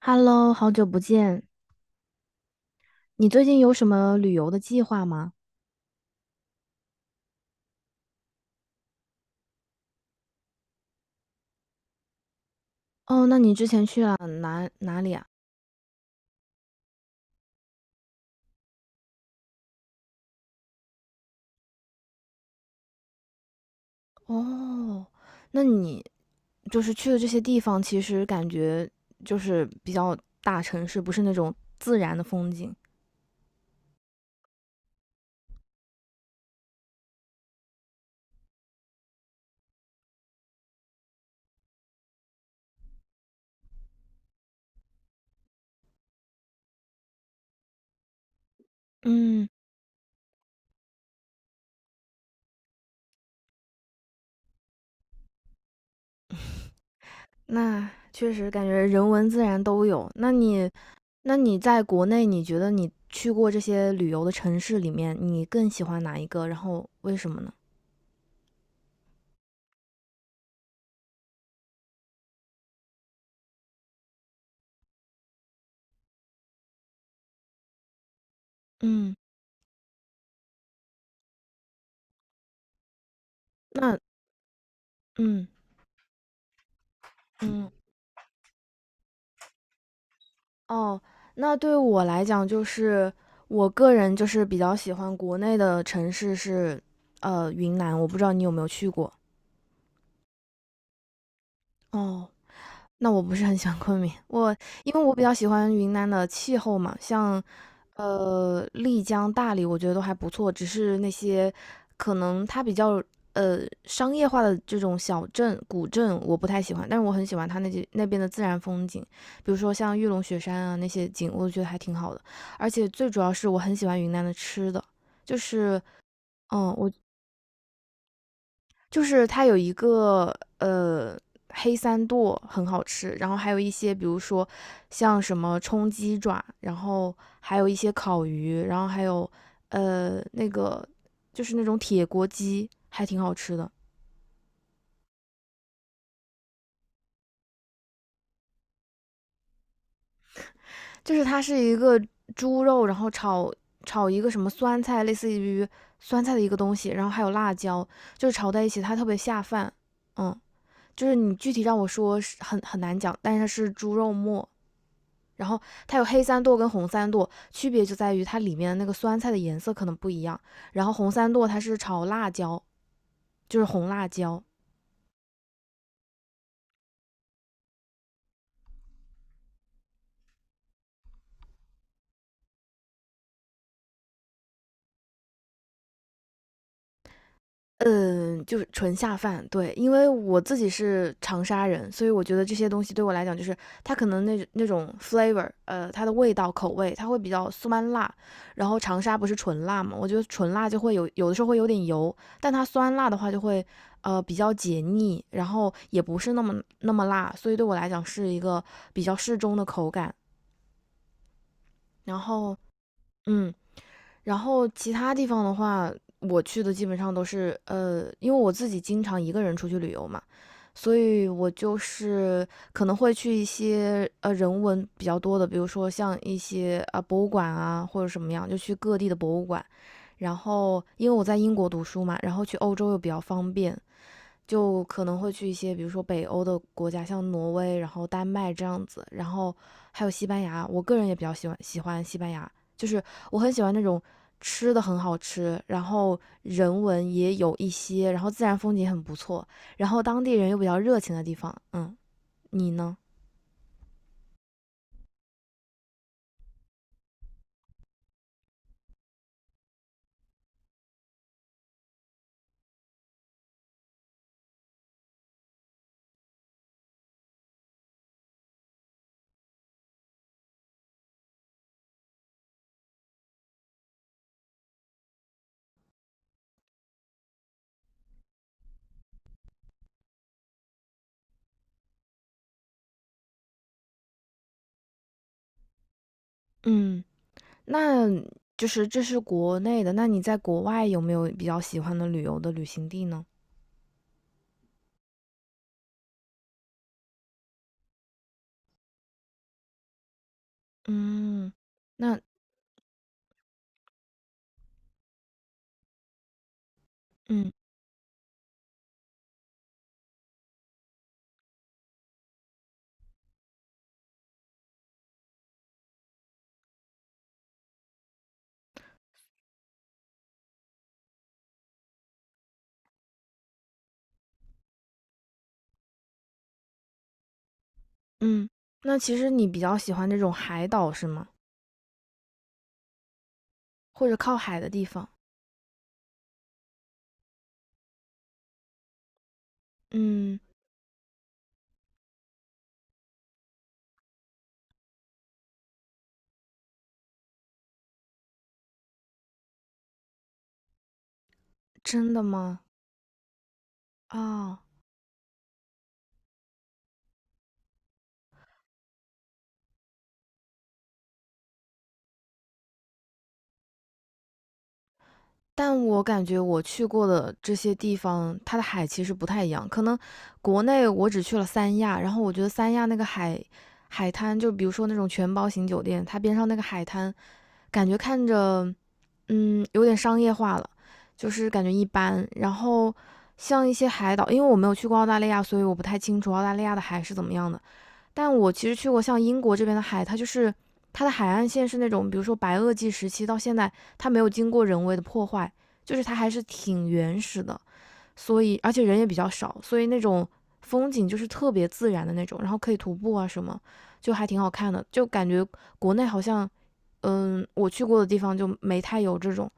Hello，好久不见。你最近有什么旅游的计划吗？哦，那你之前去了哪里啊？哦，那你就是去的这些地方，其实感觉就是比较大城市，不是那种自然的风景。嗯，那确实感觉人文自然都有。那你在国内，你觉得你去过这些旅游的城市里面，你更喜欢哪一个？然后为什么呢？嗯，那嗯嗯。哦，那对我来讲，就是我个人就是比较喜欢国内的城市是，云南。我不知道你有没有去过。哦，那我不是很喜欢昆明，我因为我比较喜欢云南的气候嘛，像丽江、大理，我觉得都还不错，只是那些可能它比较商业化的这种小镇、古镇，我不太喜欢，但是我很喜欢它那边的自然风景，比如说像玉龙雪山啊那些景，我觉得还挺好的，而且最主要是我很喜欢云南的吃的，就是嗯，我就是它有一个黑三剁很好吃，然后还有一些比如说像什么冲鸡爪，然后还有一些烤鱼，然后还有呃那个就是那种铁锅鸡，还挺好吃的。就是它是一个猪肉，然后炒一个什么酸菜，类似于酸菜的一个东西，然后还有辣椒，就是炒在一起，它特别下饭。嗯，就是你具体让我说是很难讲，但是它是猪肉末，然后它有黑三剁跟红三剁，区别就在于它里面的那个酸菜的颜色可能不一样。然后红三剁它是炒辣椒，就是红辣椒，嗯，就是纯下饭，对，因为我自己是长沙人，所以我觉得这些东西对我来讲，就是它可能那种 flavor，它的味道口味，它会比较酸辣，然后长沙不是纯辣嘛，我觉得纯辣就会有的时候会有点油，但它酸辣的话就会比较解腻，然后也不是那么辣，所以对我来讲是一个比较适中的口感，然后嗯。然后其他地方的话，我去的基本上都是因为我自己经常一个人出去旅游嘛，所以我就是可能会去一些人文比较多的，比如说像一些啊、博物馆啊或者什么样，就去各地的博物馆。然后因为我在英国读书嘛，然后去欧洲又比较方便，就可能会去一些，比如说北欧的国家，像挪威，然后丹麦这样子，然后还有西班牙。我个人也比较喜欢西班牙，就是我很喜欢那种吃的很好吃，然后人文也有一些，然后自然风景很不错，然后当地人又比较热情的地方。嗯，你呢？嗯，那就是这是国内的，那你在国外有没有比较喜欢的旅游的旅行地呢？嗯，那嗯。嗯，那其实你比较喜欢这种海岛是吗？或者靠海的地方？嗯，真的吗？啊，但我感觉我去过的这些地方，它的海其实不太一样。可能国内我只去了三亚，然后我觉得三亚那个海滩，就比如说那种全包型酒店，它边上那个海滩，感觉看着嗯有点商业化了，就是感觉一般。然后像一些海岛，因为我没有去过澳大利亚，所以我不太清楚澳大利亚的海是怎么样的。但我其实去过像英国这边的海，它就是它的海岸线是那种，比如说白垩纪时期到现在，它没有经过人为的破坏，就是它还是挺原始的，所以而且人也比较少，所以那种风景就是特别自然的那种，然后可以徒步啊什么，就还挺好看的，就感觉国内好像，嗯，我去过的地方就没太有这种，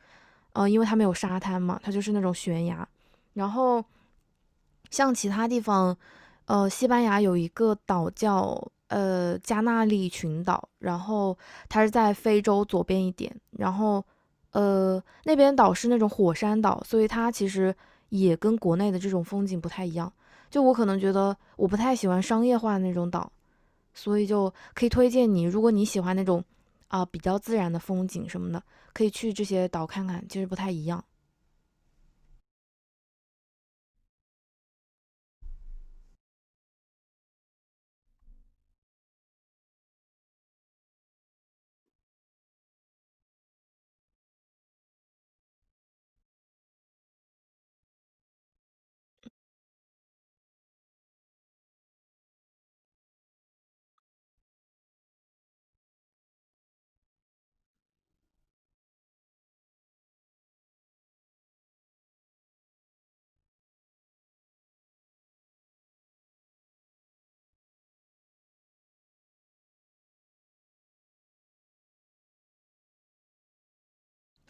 因为它没有沙滩嘛，它就是那种悬崖，然后。像其他地方，西班牙有一个岛叫加那利群岛，然后它是在非洲左边一点，然后那边岛是那种火山岛，所以它其实也跟国内的这种风景不太一样。就我可能觉得我不太喜欢商业化的那种岛，所以就可以推荐你，如果你喜欢那种啊、比较自然的风景什么的，可以去这些岛看看，其实不太一样。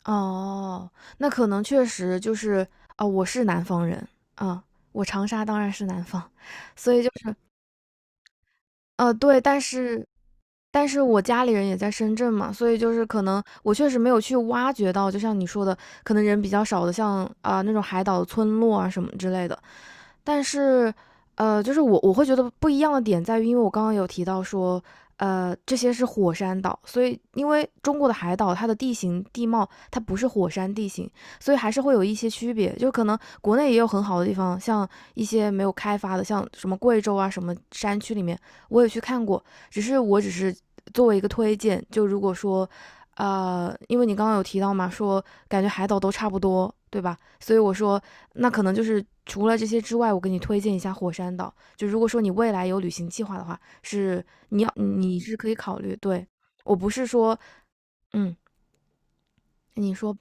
哦，那可能确实就是啊、我是南方人啊、我长沙当然是南方，所以就是对，但是我家里人也在深圳嘛，所以就是可能我确实没有去挖掘到，就像你说的，可能人比较少的像，啊那种海岛村落啊什么之类的，但是，就是我会觉得不一样的点在于，因为我刚刚有提到说，这些是火山岛，所以因为中国的海岛它的地形地貌它不是火山地形，所以还是会有一些区别。就可能国内也有很好的地方，像一些没有开发的，像什么贵州啊什么山区里面，我也去看过，只是我只是作为一个推荐，就如果说，因为你刚刚有提到嘛，说感觉海岛都差不多，对吧？所以我说，那可能就是除了这些之外，我给你推荐一下火山岛。就如果说你未来有旅行计划的话，你是可以考虑。对我不是说，嗯，你说，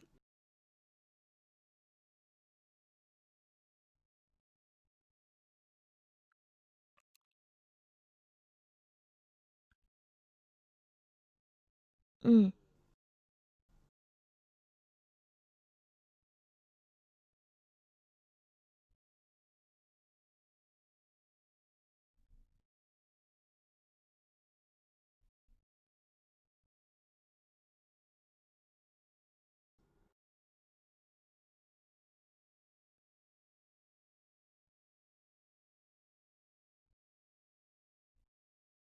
嗯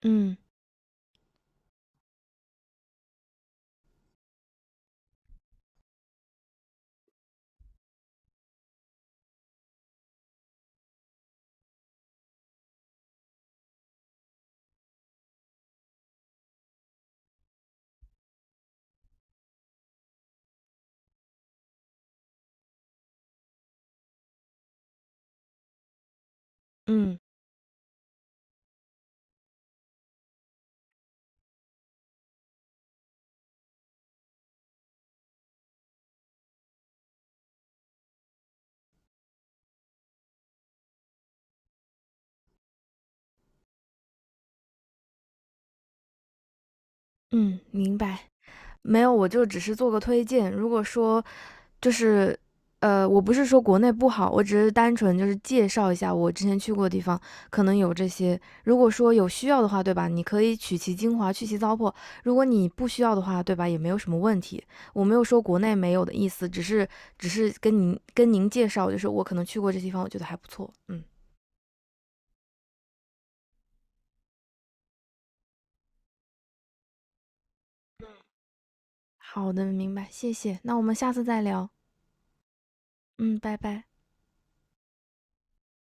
嗯嗯嗯，明白。没有，我就只是做个推荐。如果说就是我不是说国内不好，我只是单纯就是介绍一下我之前去过的地方，可能有这些。如果说有需要的话，对吧？你可以取其精华，去其糟粕。如果你不需要的话，对吧？也没有什么问题。我没有说国内没有的意思，只是只是跟您介绍，就是我可能去过这地方，我觉得还不错。嗯，好的，明白，谢谢。那我们下次再聊。嗯，拜拜。